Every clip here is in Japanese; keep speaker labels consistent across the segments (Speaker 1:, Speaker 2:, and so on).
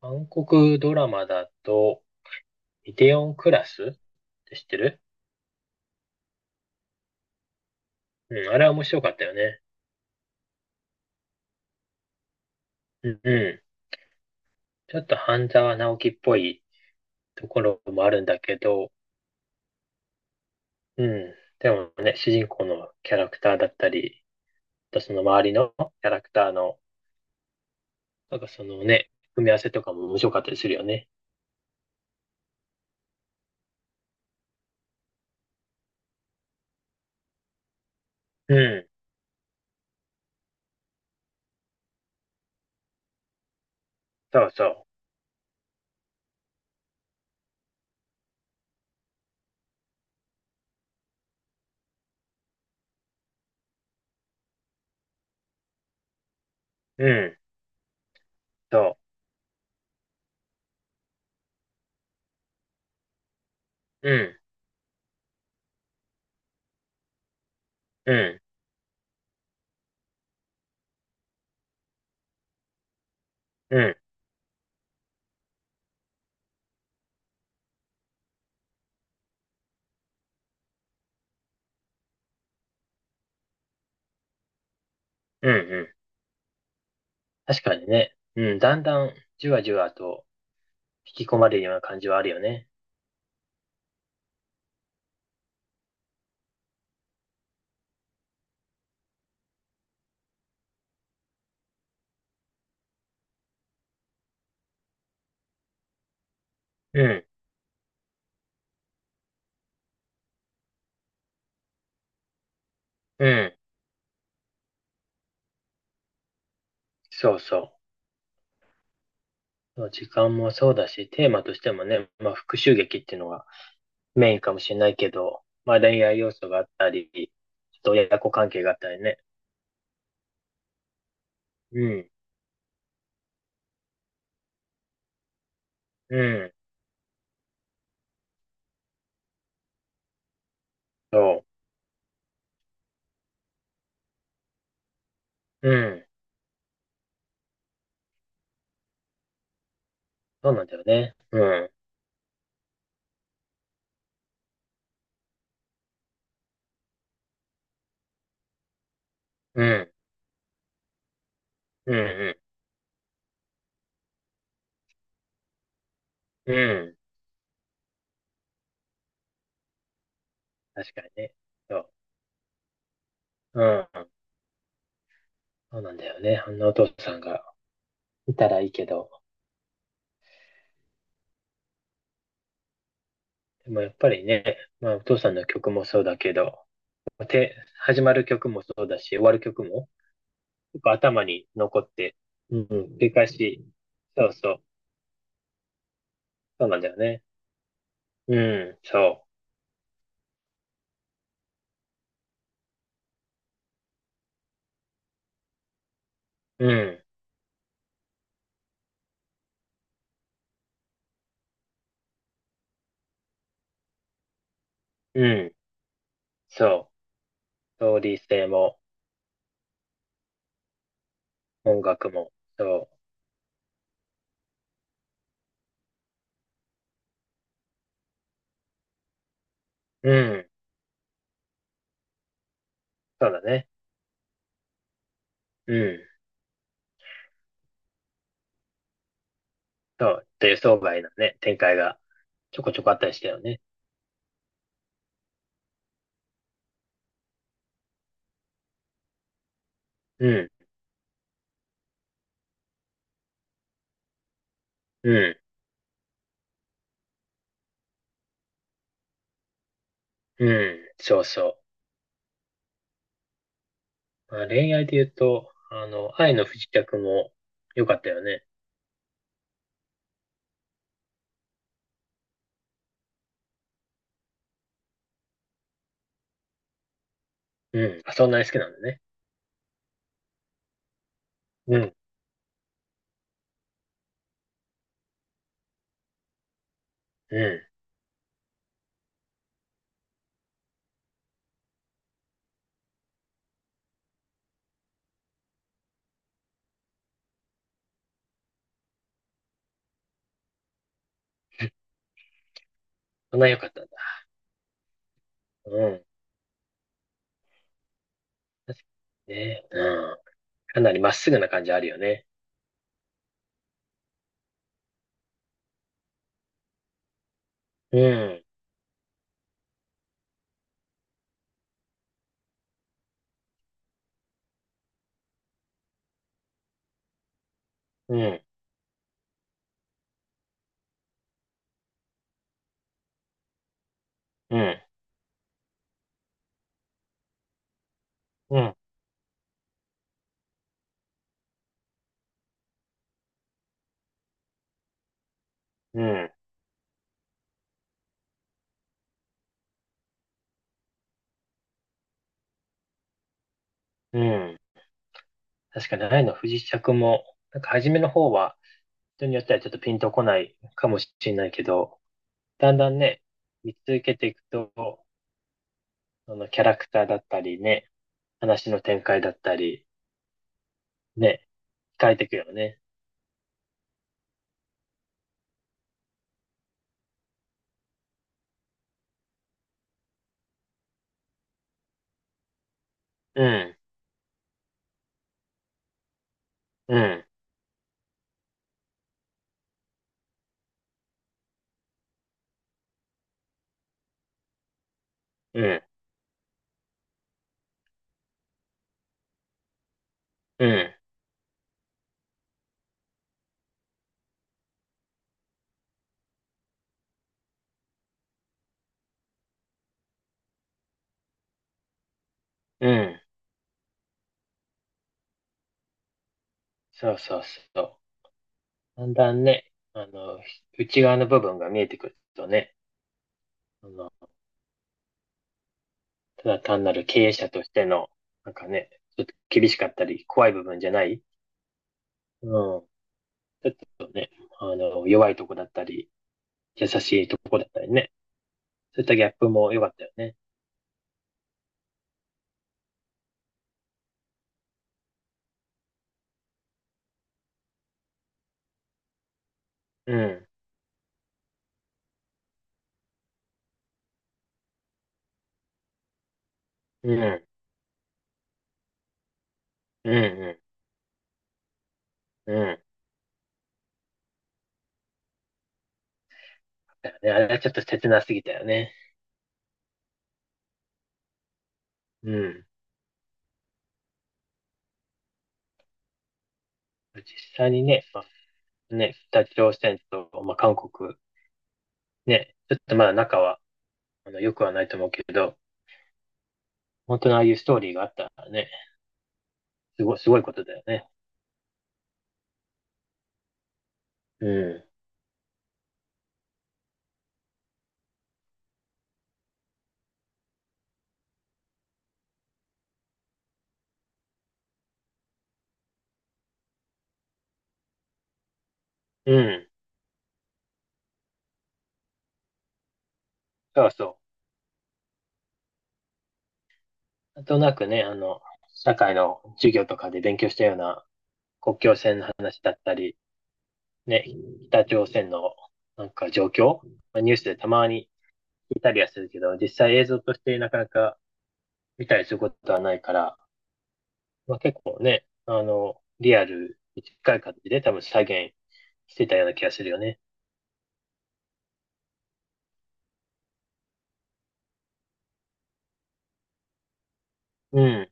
Speaker 1: 韓国ドラマだと、イテオンクラスって知ってる？うん、あれは面白かったよね。うん、うん。ちょっと半沢直樹っぽいところもあるんだけど、うん。でもね、主人公のキャラクターだったり、あとその周りのキャラクターの、なんかそのね、組み合わせとかも面白かったりするよね。うん。そうそう。うん。そう。うん。うん。うん。うん。うん。確かにね。うん。だんだん、じわじわと引き込まれるような感じはあるよね。うん。うん。そうそう。時間もそうだし、テーマとしてもね、まあ復讐劇っていうのがメインかもしれないけど、まあ恋愛要素があったり、ちょっと親子関係があったりね。うん。うん。そう。うん。そうなんだよね。うん。うん。うん。うん。うん。確かにね。そう。うん。そうなんだよね。あんなお父さんがいたらいいけど。でもやっぱりね、まあお父さんの曲もそうだけど、て、始まる曲もそうだし、終わる曲も結構頭に残って、うん、繰り返し、そうそう、そうなんだよね。うん、そう、うん、うん、そう、ストーリー性も、音楽も、そう、うん、そうだね。うん、そう、っていう相場へのね、展開がちょこちょこあったりしたよね。うん、うん、うん、そうそう。まあ、恋愛で言うと、あの、愛の不時着も良かったよね。うん、あ、そんなに好きなんだね。うん、うん、そんなに良かったんだ。うん、確かにね。うん。かなりまっすぐな感じあるよね。うん、うん、うん、うん、うん、うん。確かに、愛の不時着も、なんか初めの方は、人によってはちょっとピンとこないかもしれないけど、だんだんね、見続けていくと、そのキャラクターだったりね、話の展開だったり、ね、変えていくよね。うん、うん、うん、うん、うん。そうそうそう。だんだんね、あの、内側の部分が見えてくるとね、あのただ単なる経営者としての、なんかね、ちょっと厳しかったり、怖い部分じゃない。うん。ちょっとね、あの、弱いとこだったり、優しいとこだったりね。そういったギャップも良かったよね。うん。うん。うん。うん。うん、だよね。あれはちょっと切なすぎたよね。うん。実際にね、まあ、ね、北朝鮮と、まあ、韓国、ね、ちょっとまだ仲は、あの、良くはないと思うけど、本当のああいうストーリーがあったらね、すごい、すごいことだよね。うん。うん。そうそう。なんとなくね、あの、社会の授業とかで勉強したような国境線の話だったり、ね、北朝鮮のなんか状況、まあニュースでたまに聞いたりはするけど、実際映像としてなかなか見たりすることはないから、まあ、結構ね、あの、リアルに近い形で多分再現してたような気がするよね。うん、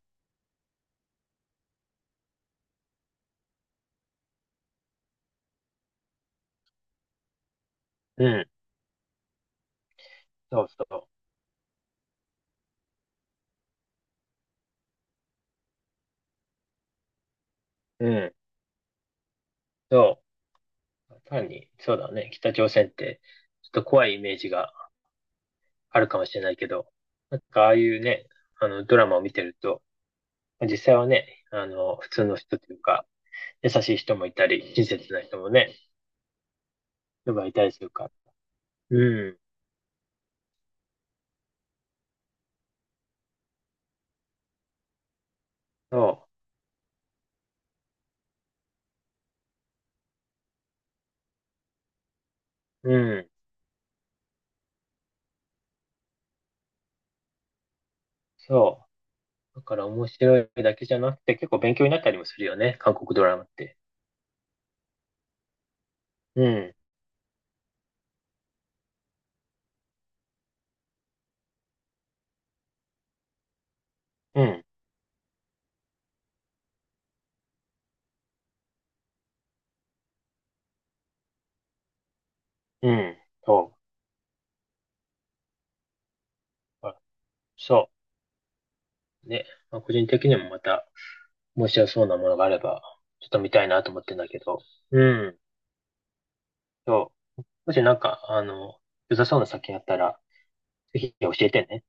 Speaker 1: うん、そうそう。うん、そう。単に、そうだね、北朝鮮ってちょっと怖いイメージがあるかもしれないけど、なんかああいうね、あの、ドラマを見てると、実際はね、あの、普通の人というか、優しい人もいたり、親切な人もね、人がいたりするから。うん、そう、うん、そう。だから面白いだけじゃなくて、結構勉強になったりもするよね、韓国ドラマって。うん、うん、うん、そう。あ、そう。ね、まあ、個人的にもまた面白そうなものがあれば、ちょっと見たいなと思ってんだけど。うん、そう。もしなんか、あの、良さそうな作品あったら、ぜひ教えてね。